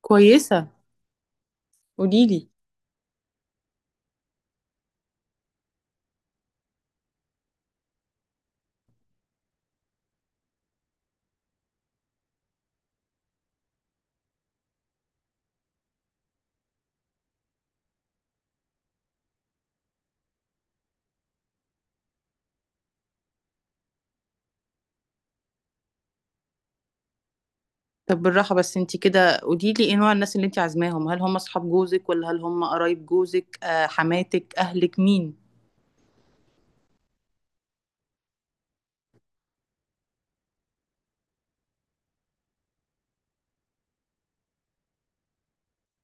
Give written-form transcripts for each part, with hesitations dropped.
كويسة. قوليلي. طب بالراحة، بس انتي كده قوليلي ايه نوع الناس اللي انتي عازماهم. هل هم اصحاب جوزك، ولا هل هم قرايب جوزك، حماتك، اهلك، مين؟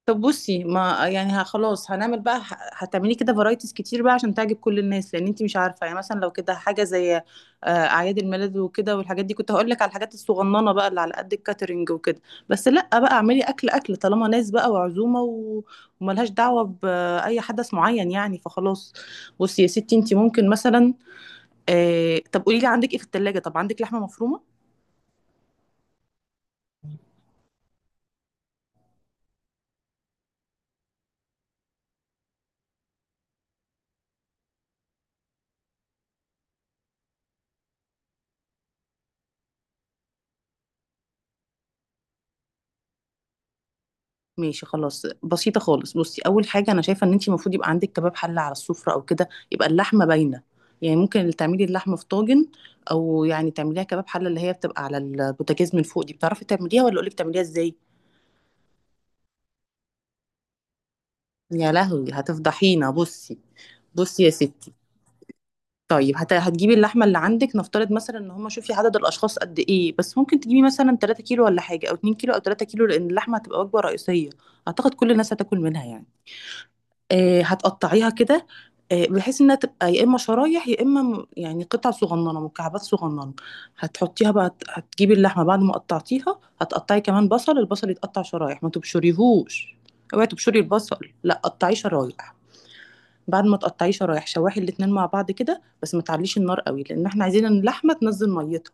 طب بصي، ما يعني خلاص هنعمل بقى هتعملي كده فرايتيز كتير بقى عشان تعجب كل الناس، لان انت مش عارفه. يعني مثلا لو كده حاجه زي اعياد الميلاد وكده والحاجات دي، كنت هقول لك على الحاجات الصغننه بقى اللي على قد الكاترينج وكده. بس لا، بقى اعملي اكل اكل، طالما ناس بقى وعزومه وملهاش دعوه باي حدث معين يعني، فخلاص. بصي يا ستي، انت ممكن مثلا طب قولي لي، عندك ايه في الثلاجه؟ طب عندك لحمه مفرومه؟ ماشي، خلاص، بسيطة خالص. بصي، أول حاجة أنا شايفة إن أنتي المفروض يبقى عندك كباب حلة على السفرة، أو كده يبقى اللحمة باينة. يعني ممكن تعملي اللحمة في طاجن، أو يعني تعمليها كباب حلة، اللي هي بتبقى على البوتاجاز من فوق دي. بتعرفي تعمليها، ولا أقولك تعمليها إزاي؟ يا لهوي، هتفضحينا. بصي، بصي يا ستي. طيب هتجيبي اللحمة اللي عندك، نفترض مثلا إن هما، شوفي عدد الأشخاص قد إيه، بس ممكن تجيبي مثلا 3 كيلو ولا حاجة، أو 2 كيلو أو 3 كيلو، لأن اللحمة هتبقى وجبة رئيسية. أعتقد كل الناس هتاكل منها يعني. هتقطعيها كده، بحيث انها تبقى يا اما شرايح يا اما يعني قطع صغننه، مكعبات صغننه. هتحطيها بقى، هتجيبي اللحمه بعد ما قطعتيها، هتقطعي كمان بصل. البصل يتقطع شرايح، ما تبشريهوش. اوعي تبشري البصل، لا قطعيه شرايح. بعد ما تقطعيه شرايح، شواحي الاتنين مع بعض كده، بس ما تعليش النار قوي، لان احنا عايزين اللحمه تنزل ميتها.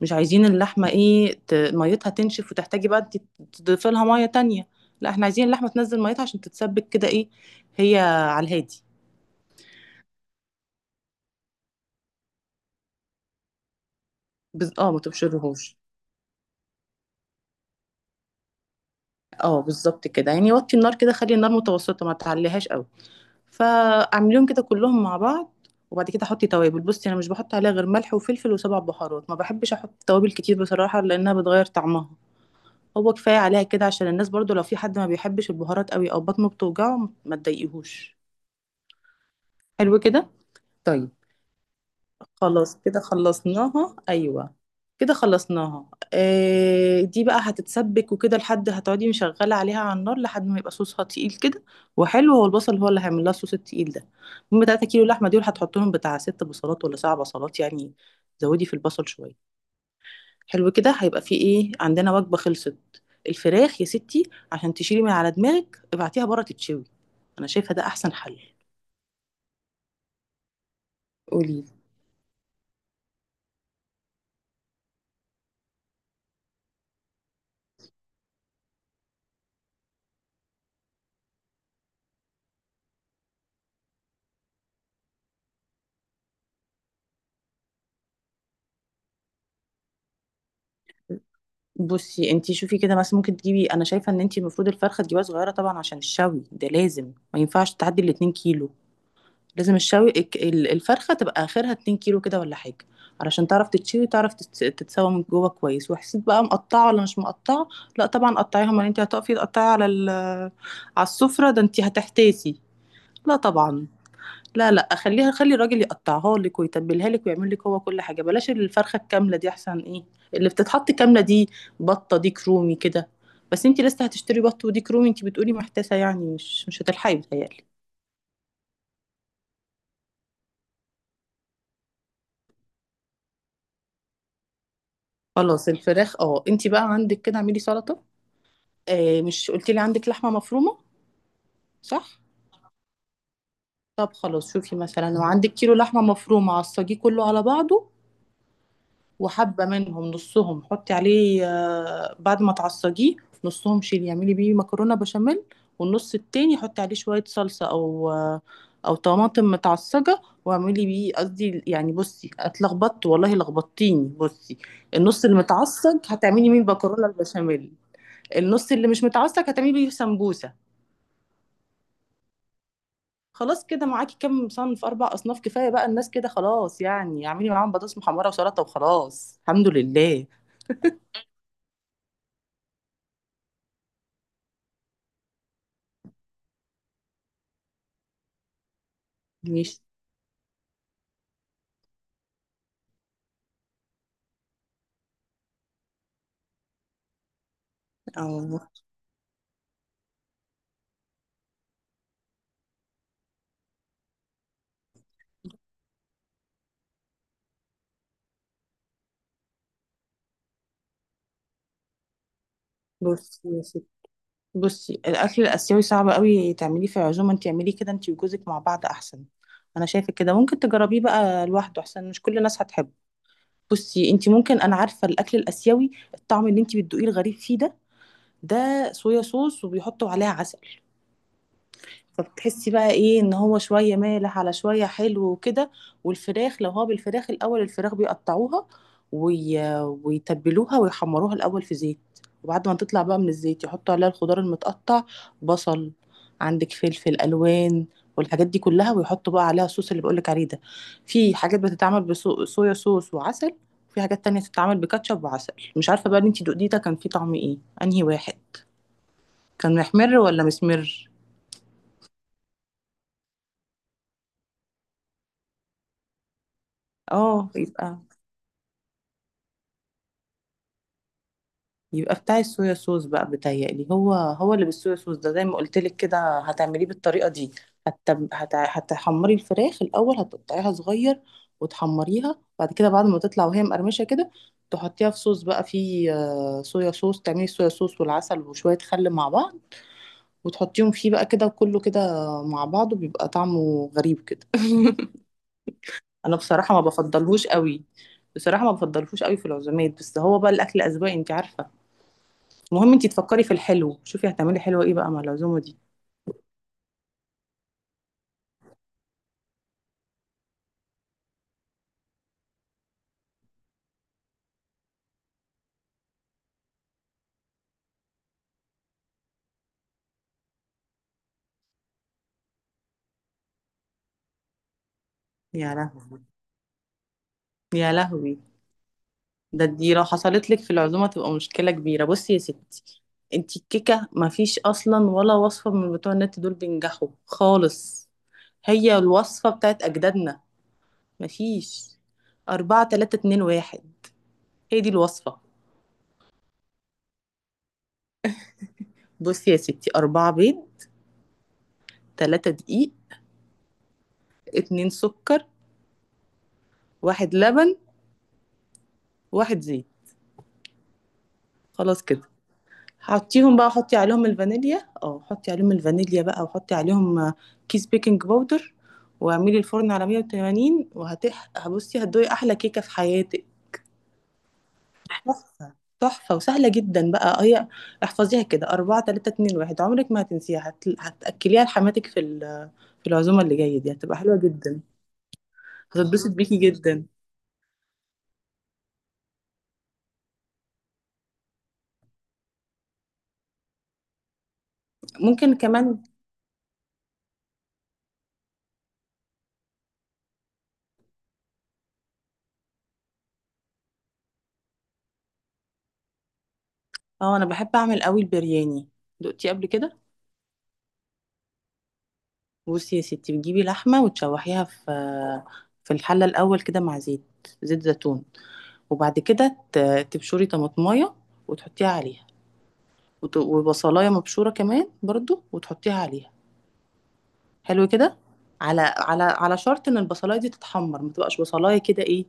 مش عايزين اللحمة ايه ميتها تنشف وتحتاجي بقى انت تضيفي لها مية تانية. لا، احنا عايزين اللحمة تنزل ميتها عشان تتسبك كده. ايه هي، على الهادي. اه، ما تبشرهوش. اه، بالظبط كده يعني. وطي النار كده، خلي النار متوسطة، ما تعليهاش قوي. فاعمليهم كده كلهم مع بعض، وبعد كده حطي توابل. بصي، انا مش بحط عليها غير ملح وفلفل وسبع بهارات. ما بحبش احط توابل كتير بصراحة، لانها بتغير طعمها. هو كفاية عليها كده، عشان الناس برضو لو في حد ما بيحبش البهارات قوي او بطنه بتوجعه، ما تضايقيهوش. حلو كده. طيب، خلاص كده خلصناها. ايوه، كده خلصناها. آه، دي بقى هتتسبك وكده، لحد هتقعدي مشغله عليها على النار لحد ما يبقى صوصها تقيل كده، وحلو. هو البصل هو اللي هيعمل لها الصوص التقيل ده. المهم، 3 كيلو لحمه دول هتحط لهم بتاع ست بصلات ولا سبع بصلات يعني، زودي في البصل شويه. حلو كده، هيبقى في ايه، عندنا وجبه خلصت. الفراخ يا ستي، عشان تشيلي من على دماغك، ابعتيها بره تتشوي. انا شايفه ده احسن حل. قولي. بصي، انتي شوفي كده، مثلا ممكن تجيبي، انا شايفه ان انتي المفروض الفرخه تجيبها صغيره طبعا، عشان الشوي ده لازم ما ينفعش تعدي ال 2 كيلو. لازم الشوي الفرخه تبقى اخرها 2 كيلو كده ولا حاجه، علشان تعرف تتشوي، تعرف تتسوى من جوه كويس. وحسيت بقى مقطعه ولا مش مقطعه؟ لا طبعا قطعيها. ما انتي هتقفي تقطعي على على السفره ده، انتي هتحتاسي. لا طبعا. لا، خليها، خلي الراجل يقطعها لك ويتبلها لك ويعمل لك هو كل حاجه. بلاش الفرخه الكامله دي، احسن. ايه اللي بتتحط كامله دي، بطه دي كرومي كده؟ بس انت لسه هتشتري بط وديك رومي؟ انت بتقولي محتاسه، يعني مش هتلحقي، بتهيألي. خلاص الفراخ. اه، انت بقى عندك كده اعملي سلطه. آه، مش قلتي لي عندك لحمه مفرومه؟ صح. طب خلاص، شوفي مثلا لو عندك كيلو لحمه مفرومه، عصجيه كله على بعضه، وحبة منهم، نصهم حطي عليه بعد ما تعصجيه، نصهم شيلي اعملي بيه مكرونة بشاميل، والنص التاني حطي عليه شوية صلصة، أو طماطم متعصجة، واعملي بيه، قصدي يعني، بصي اتلخبطت والله، لخبطتيني. بصي، النص اللي متعصج هتعملي بيه مكرونة البشاميل، النص اللي مش متعصج هتعملي بيه سمبوسة. خلاص، كده معاكي كام صنف، أربع أصناف، كفاية بقى الناس كده خلاص يعني. اعملي معاهم بطاطس محمرة وسلطة، وخلاص الحمد لله. مش اه. بصي يا ستي، بصي الاكل الاسيوي صعب قوي تعمليه في عزومه. انت اعمليه كده انت وجوزك مع بعض، احسن. انا شايفه كده، ممكن تجربيه بقى لوحده احسن، مش كل الناس هتحبه. بصي، انت ممكن، انا عارفه الاكل الاسيوي الطعم اللي انت بتدوقيه الغريب فيه ده، ده صويا صوص، وبيحطوا عليها عسل. فبتحسي بقى ايه، ان هو شويه مالح على شويه حلو وكده. والفراخ، لو هو بالفراخ، الاول الفراخ بيقطعوها ويتبلوها ويحمروها الاول في زيت، وبعد ما تطلع بقى من الزيت يحطوا عليها الخضار المتقطع. بصل، عندك فلفل الوان، والحاجات دي كلها، ويحطوا بقى عليها الصوص اللي بقولك عليه ده. في حاجات بتتعمل بصويا صوص وعسل، وفي حاجات تانية بتتعمل بكاتشب وعسل. مش عارفة بقى اللي انتي دقتيه ده كان فيه طعم ايه، انهي واحد. كان محمر ولا مسمر؟ اه، يبقى، يبقى بتاع الصويا صوص بقى بتهيألي. هو هو اللي بالصويا صوص ده. زي ما قلت لك كده، هتعمليه بالطريقة دي. هت... هتحمري الفراخ الأول، هتقطعيها صغير وتحمريها. بعد كده، بعد ما تطلع وهي مقرمشة كده، تحطيها في صوص بقى فيه صويا صوص. تعملي صويا صوص والعسل وشوية خل مع بعض، وتحطيهم فيه بقى كده. وكله كده مع بعضه بيبقى طعمه غريب كده. انا بصراحة ما بفضلهوش قوي، بصراحة ما بفضلهوش قوي في العزومات، بس هو بقى الأكل أذواق، انت عارفة. المهم انتي تفكري في الحلو، شوفي هتعملي حلو ايه بقى مع العزومه دي. يا لهوي، يا لهوي. ده دي لو حصلت لك في العزومه تبقى مشكله كبيره. بصي يا ستي، انتي الكيكه ما فيش اصلا ولا وصفه من بتوع النت دول بينجحوا خالص. هي الوصفه بتاعت اجدادنا، ما فيش. أربعة تلاتة اتنين واحد، هي دي الوصفه. بصي يا ستي، أربعة بيض، تلاتة دقيق، اتنين سكر، واحد لبن، واحد زيت، خلاص كده. حطيهم بقى، حطي عليهم الفانيليا، اه حطي عليهم الفانيليا بقى، وحطي عليهم كيس بيكنج باودر، واعملي الفرن على 180. هبصي، هتدوقي احلى كيكه في حياتك. تحفه، تحفه وسهله جدا بقى هي. احفظيها كده، 4 3 2 1، عمرك ما هتنسيها. هتاكليها لحماتك في في العزومه اللي جايه دي، هتبقى حلوه جدا، هتتبسط بيكي جدا. ممكن كمان. اه، انا بحب اعمل قوي البرياني، دقتي قبل كده؟ بصي يا ستي، بتجيبي لحمة وتشوحيها في في الحلة الأول كده مع زيت، زيت زيتون. وبعد كده تبشري طماطماية وتحطيها عليها، وبصلاية مبشورة كمان برضو وتحطيها عليها. حلو كده. على شرط إن البصلاية دي تتحمر، ما تبقاش بصلاية كده إيه،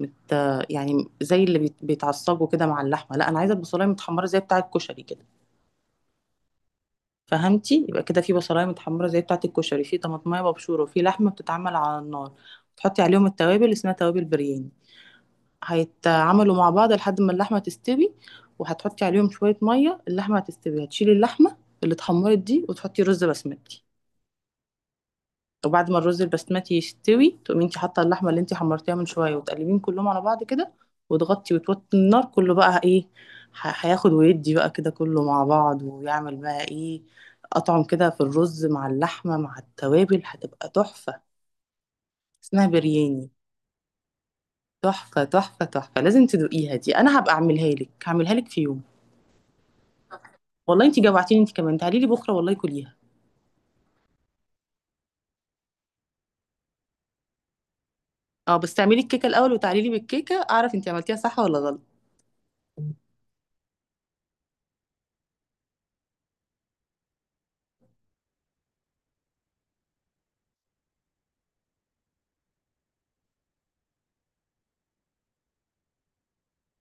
مت يعني زي اللي بيتعصجوا كده مع اللحمة. لا، أنا عايزة البصلاية متحمرة زي بتاعة الكشري كده. فهمتي؟ يبقى كده في بصلايه متحمره زي بتاعه الكشري، في طماطمايه مبشوره، وفي لحمه بتتعمل على النار. تحطي عليهم التوابل، اسمها توابل برياني. هيتعملوا مع بعض لحد ما اللحمه تستوي، وهتحطي عليهم شويه ميه. اللحمه هتستوي، هتشيلي اللحمه اللي اتحمرت دي، وتحطي رز بسمتي. وبعد ما الرز البسمتي يستوي، تقومي انت حاطه اللحمه اللي انت حمرتيها من شويه، وتقلبيهم كلهم على بعض كده، وتغطي وتوطي النار. كله بقى ايه، هياخد ويدي بقى كده كله مع بعض، ويعمل بقى ايه، اطعم كده في الرز مع اللحمه مع التوابل. هتبقى تحفه، اسمها برياني. تحفه تحفه تحفه، لازم تدوقيها دي. انا هبقى اعملها لك، هعملها لك في يوم. والله انت جوعتيني انت كمان، تعالي لي بكره والله كليها. اه، بس تعملي الكيكه الاول وتعالي لي بالكيكه، اعرف انت عملتيها صح ولا غلط.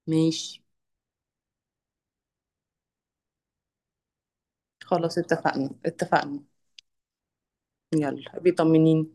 ماشي. خلاص اتفقنا، اتفقنا. يلا بيطمنيني.